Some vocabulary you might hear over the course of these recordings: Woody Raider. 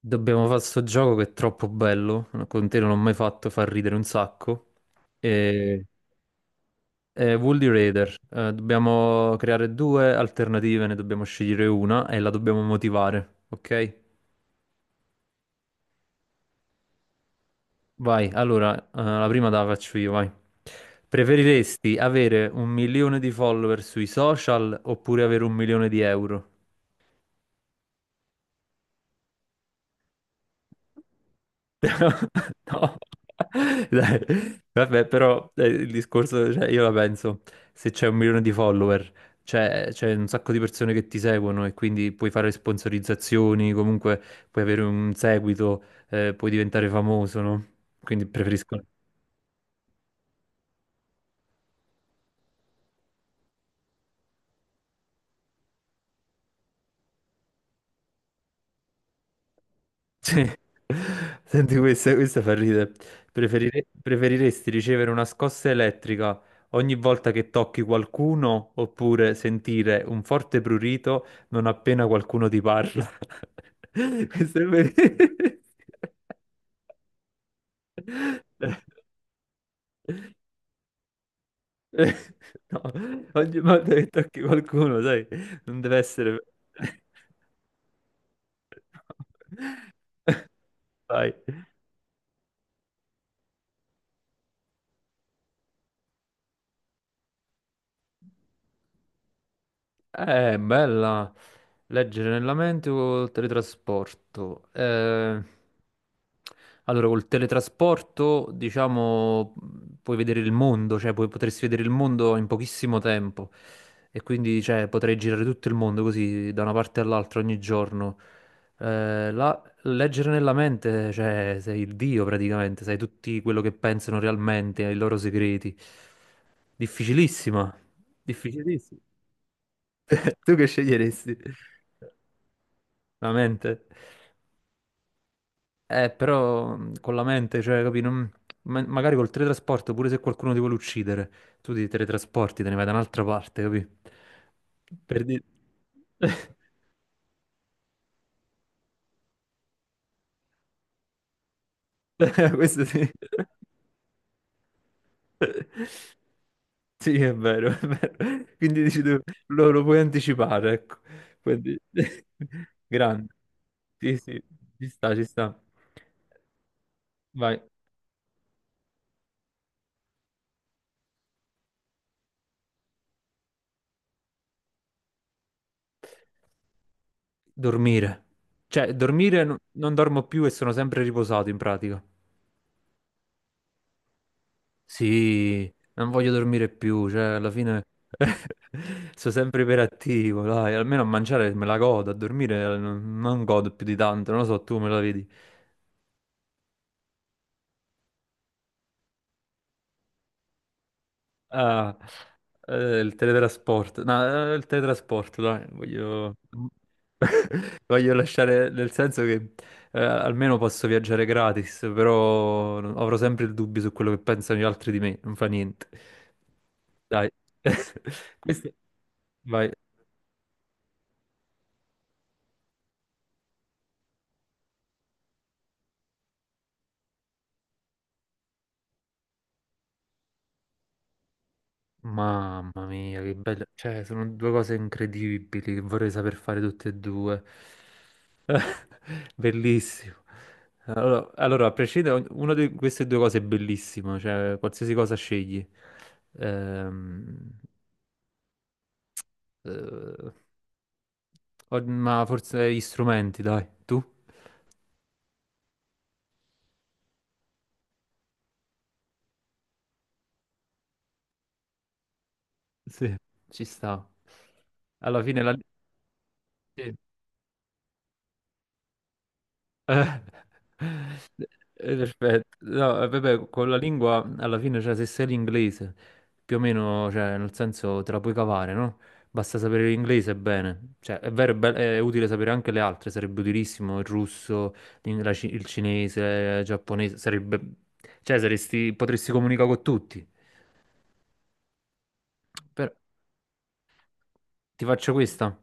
Dobbiamo fare sto gioco che è troppo bello, con te non l'ho mai fatto far ridere un sacco. E... È Woody Raider, dobbiamo creare due alternative, ne dobbiamo scegliere una e la dobbiamo motivare, ok? Vai, allora, la prima te la faccio io, vai. Preferiresti avere un milione di follower sui social oppure avere un milione di euro? No, dai, vabbè, però il discorso, cioè, io la penso, se c'è un milione di follower, c'è un sacco di persone che ti seguono e quindi puoi fare sponsorizzazioni, comunque puoi avere un seguito, puoi diventare famoso, no? Quindi preferisco. Sì. Senti, questa fa ridere. Preferiresti ricevere una scossa elettrica ogni volta che tocchi qualcuno oppure sentire un forte prurito non appena qualcuno ti parla? Questo è ver- No, ogni volta che tocchi qualcuno, sai, non deve essere... Vai. Bella. Leggere nella mente o il teletrasporto? Allora, col teletrasporto, diciamo, puoi vedere il mondo, cioè puoi, potresti vedere il mondo in pochissimo tempo. E quindi, cioè, potrei girare tutto il mondo così, da una parte all'altra ogni giorno. Leggere nella mente, cioè, sei il dio praticamente, sai tutti quello che pensano realmente, ai loro segreti. Difficilissima. Difficilissima. Tu che sceglieresti? La mente. Però con la mente, cioè, capi, magari col teletrasporto, pure se qualcuno ti vuole uccidere, tu ti teletrasporti, te ne vai da un'altra parte, capi? Per dire... Questo sì. Sì, è vero, è vero. Quindi dici tu, lo puoi anticipare, ecco. Quindi... Grande. Sì, sì, ci sta, ci sta. Vai. Dormire. Cioè, dormire non dormo più e sono sempre riposato in pratica. Sì, non voglio dormire più, cioè, alla fine sono sempre iperattivo, dai, almeno a mangiare me la godo, a dormire non godo più di tanto, non lo so, tu me la vedi. Ah, il teletrasporto. No, il teletrasporto, dai, voglio... voglio lasciare, nel senso che almeno posso viaggiare gratis, però avrò sempre il dubbio su quello che pensano gli altri di me, non fa niente. Dai. Questo... Vai. Mamma mia, che bello. Cioè, sono due cose incredibili che vorrei saper fare tutte e due. Bellissimo. Allora, a prescindere, una di queste due cose è bellissima, cioè qualsiasi cosa scegli. Ehm, eh, ma forse gli strumenti, dai, tu? Sì, ci sta. Alla fine la... sì. Eh, Perfetto. No, vabbè, con la lingua alla fine, cioè, se sei l'inglese, più o meno, cioè, nel senso te la puoi cavare, no? Basta sapere l'inglese bene. Cioè, è vero, è, è utile sapere anche le altre, sarebbe utilissimo il russo, il cinese, il giapponese, sarebbe... Cioè, potresti comunicare con tutti. Però ti faccio questa.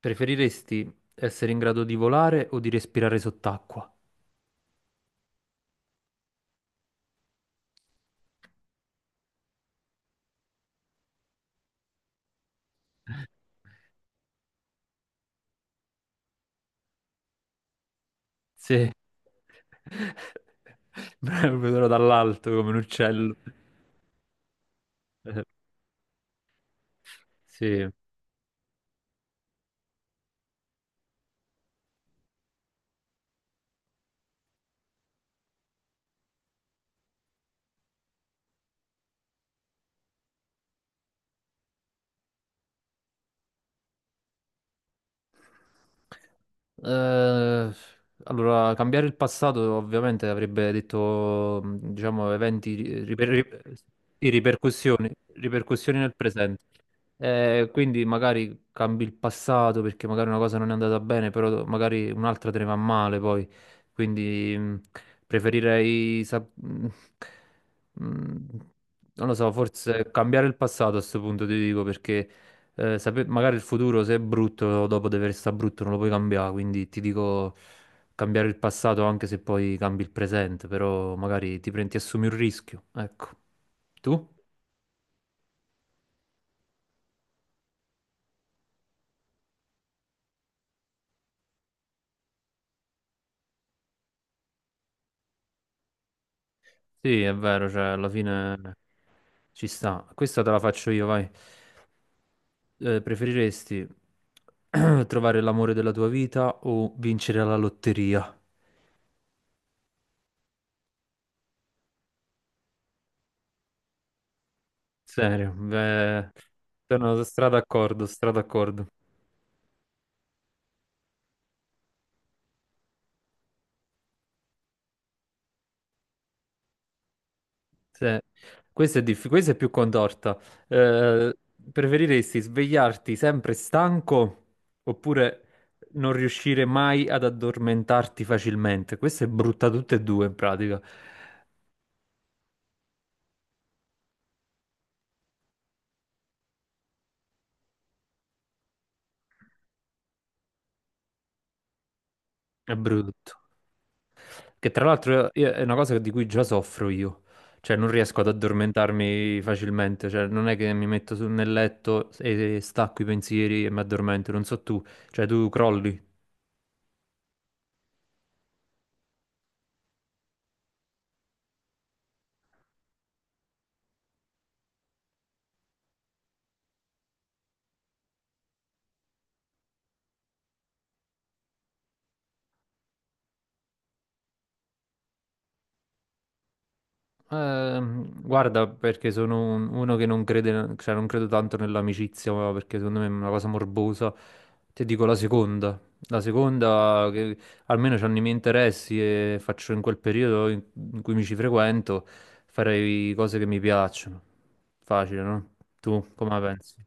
Preferiresti essere in grado di volare o di respirare sott'acqua? Sì. Bravo, lo vedrò dall'alto come un uccello. Sì. Eh, allora, cambiare il passato ovviamente avrebbe detto, diciamo, eventi, sì, ripercussioni, ripercussioni nel presente. Quindi magari cambi il passato perché magari una cosa non è andata bene, però magari un'altra te ne va male poi. Quindi preferirei, mh, non lo so, forse cambiare il passato a questo punto, ti dico, perché... Magari il futuro, se è brutto, dopo deve restare brutto, non lo puoi cambiare. Quindi ti dico cambiare il passato anche se poi cambi il presente, però magari ti prendi, ti assumi un rischio. Ecco. Tu? Sì, è vero, cioè alla fine ci sta. Questa te la faccio io, vai. Preferiresti trovare l'amore della tua vita o vincere alla lotteria? Serio, beh, sono strada d'accordo, strada d'accordo. Sì. Questa è, questa è più contorta. Eh, Preferiresti svegliarti sempre stanco oppure non riuscire mai ad addormentarti facilmente? Questa è brutta tutte e due in pratica. È brutto. Che tra l'altro è una cosa di cui già soffro io. Cioè non riesco ad addormentarmi facilmente. Cioè non è che mi metto nel letto e stacco i pensieri e mi addormento. Non so tu. Cioè tu crolli. Guarda, perché sono uno che non crede, cioè non credo tanto nell'amicizia, ma perché secondo me è una cosa morbosa. Ti dico la seconda. La seconda, che almeno c'hanno i miei interessi e faccio in quel periodo in cui mi ci frequento, farei cose che mi piacciono. Facile, no? Tu come la pensi?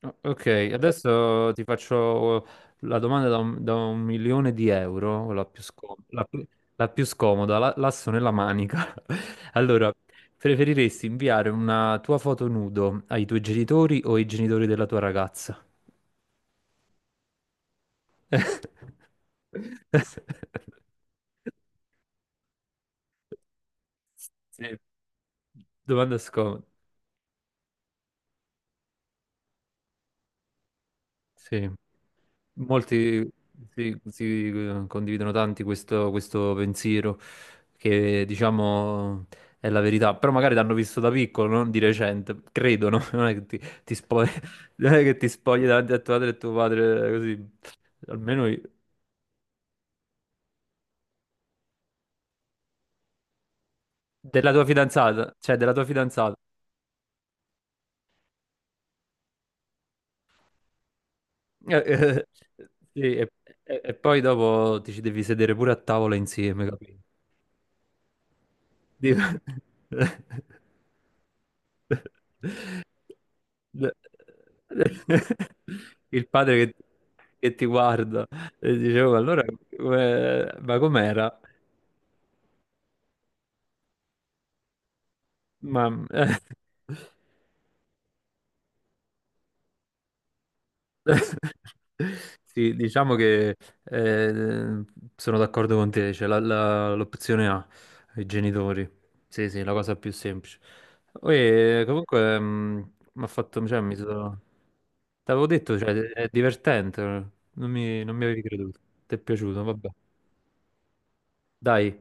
No, ok, adesso ti faccio la domanda da un milione di euro, la più, la più scomoda, l'asso nella manica. Allora, preferiresti inviare una tua foto nudo ai tuoi genitori o ai genitori della tua ragazza? Sì, domanda scomoda. Sì. Molti si, si condividono tanti questo pensiero che diciamo è la verità, però magari l'hanno visto da piccolo, non di recente, credono, non è che ti spogli, non è che ti spogli davanti a tua madre e tuo padre così, almeno io. Della tua fidanzata, cioè della tua fidanzata. Eh, eh, sì, e poi dopo ti ci devi sedere pure a tavola insieme, capito? Dico- Il padre che ti guarda e dicevo, allora, ma com'era? Ma Sì, diciamo che eh, sono d'accordo con te, cioè l'opzione A, i genitori. Sì, sì, la cosa più semplice. E, comunque mi ha fatto, cioè, mi sono... T'avevo detto, cioè, è divertente, non mi avevi creduto. Ti è piaciuto, vabbè. Dai,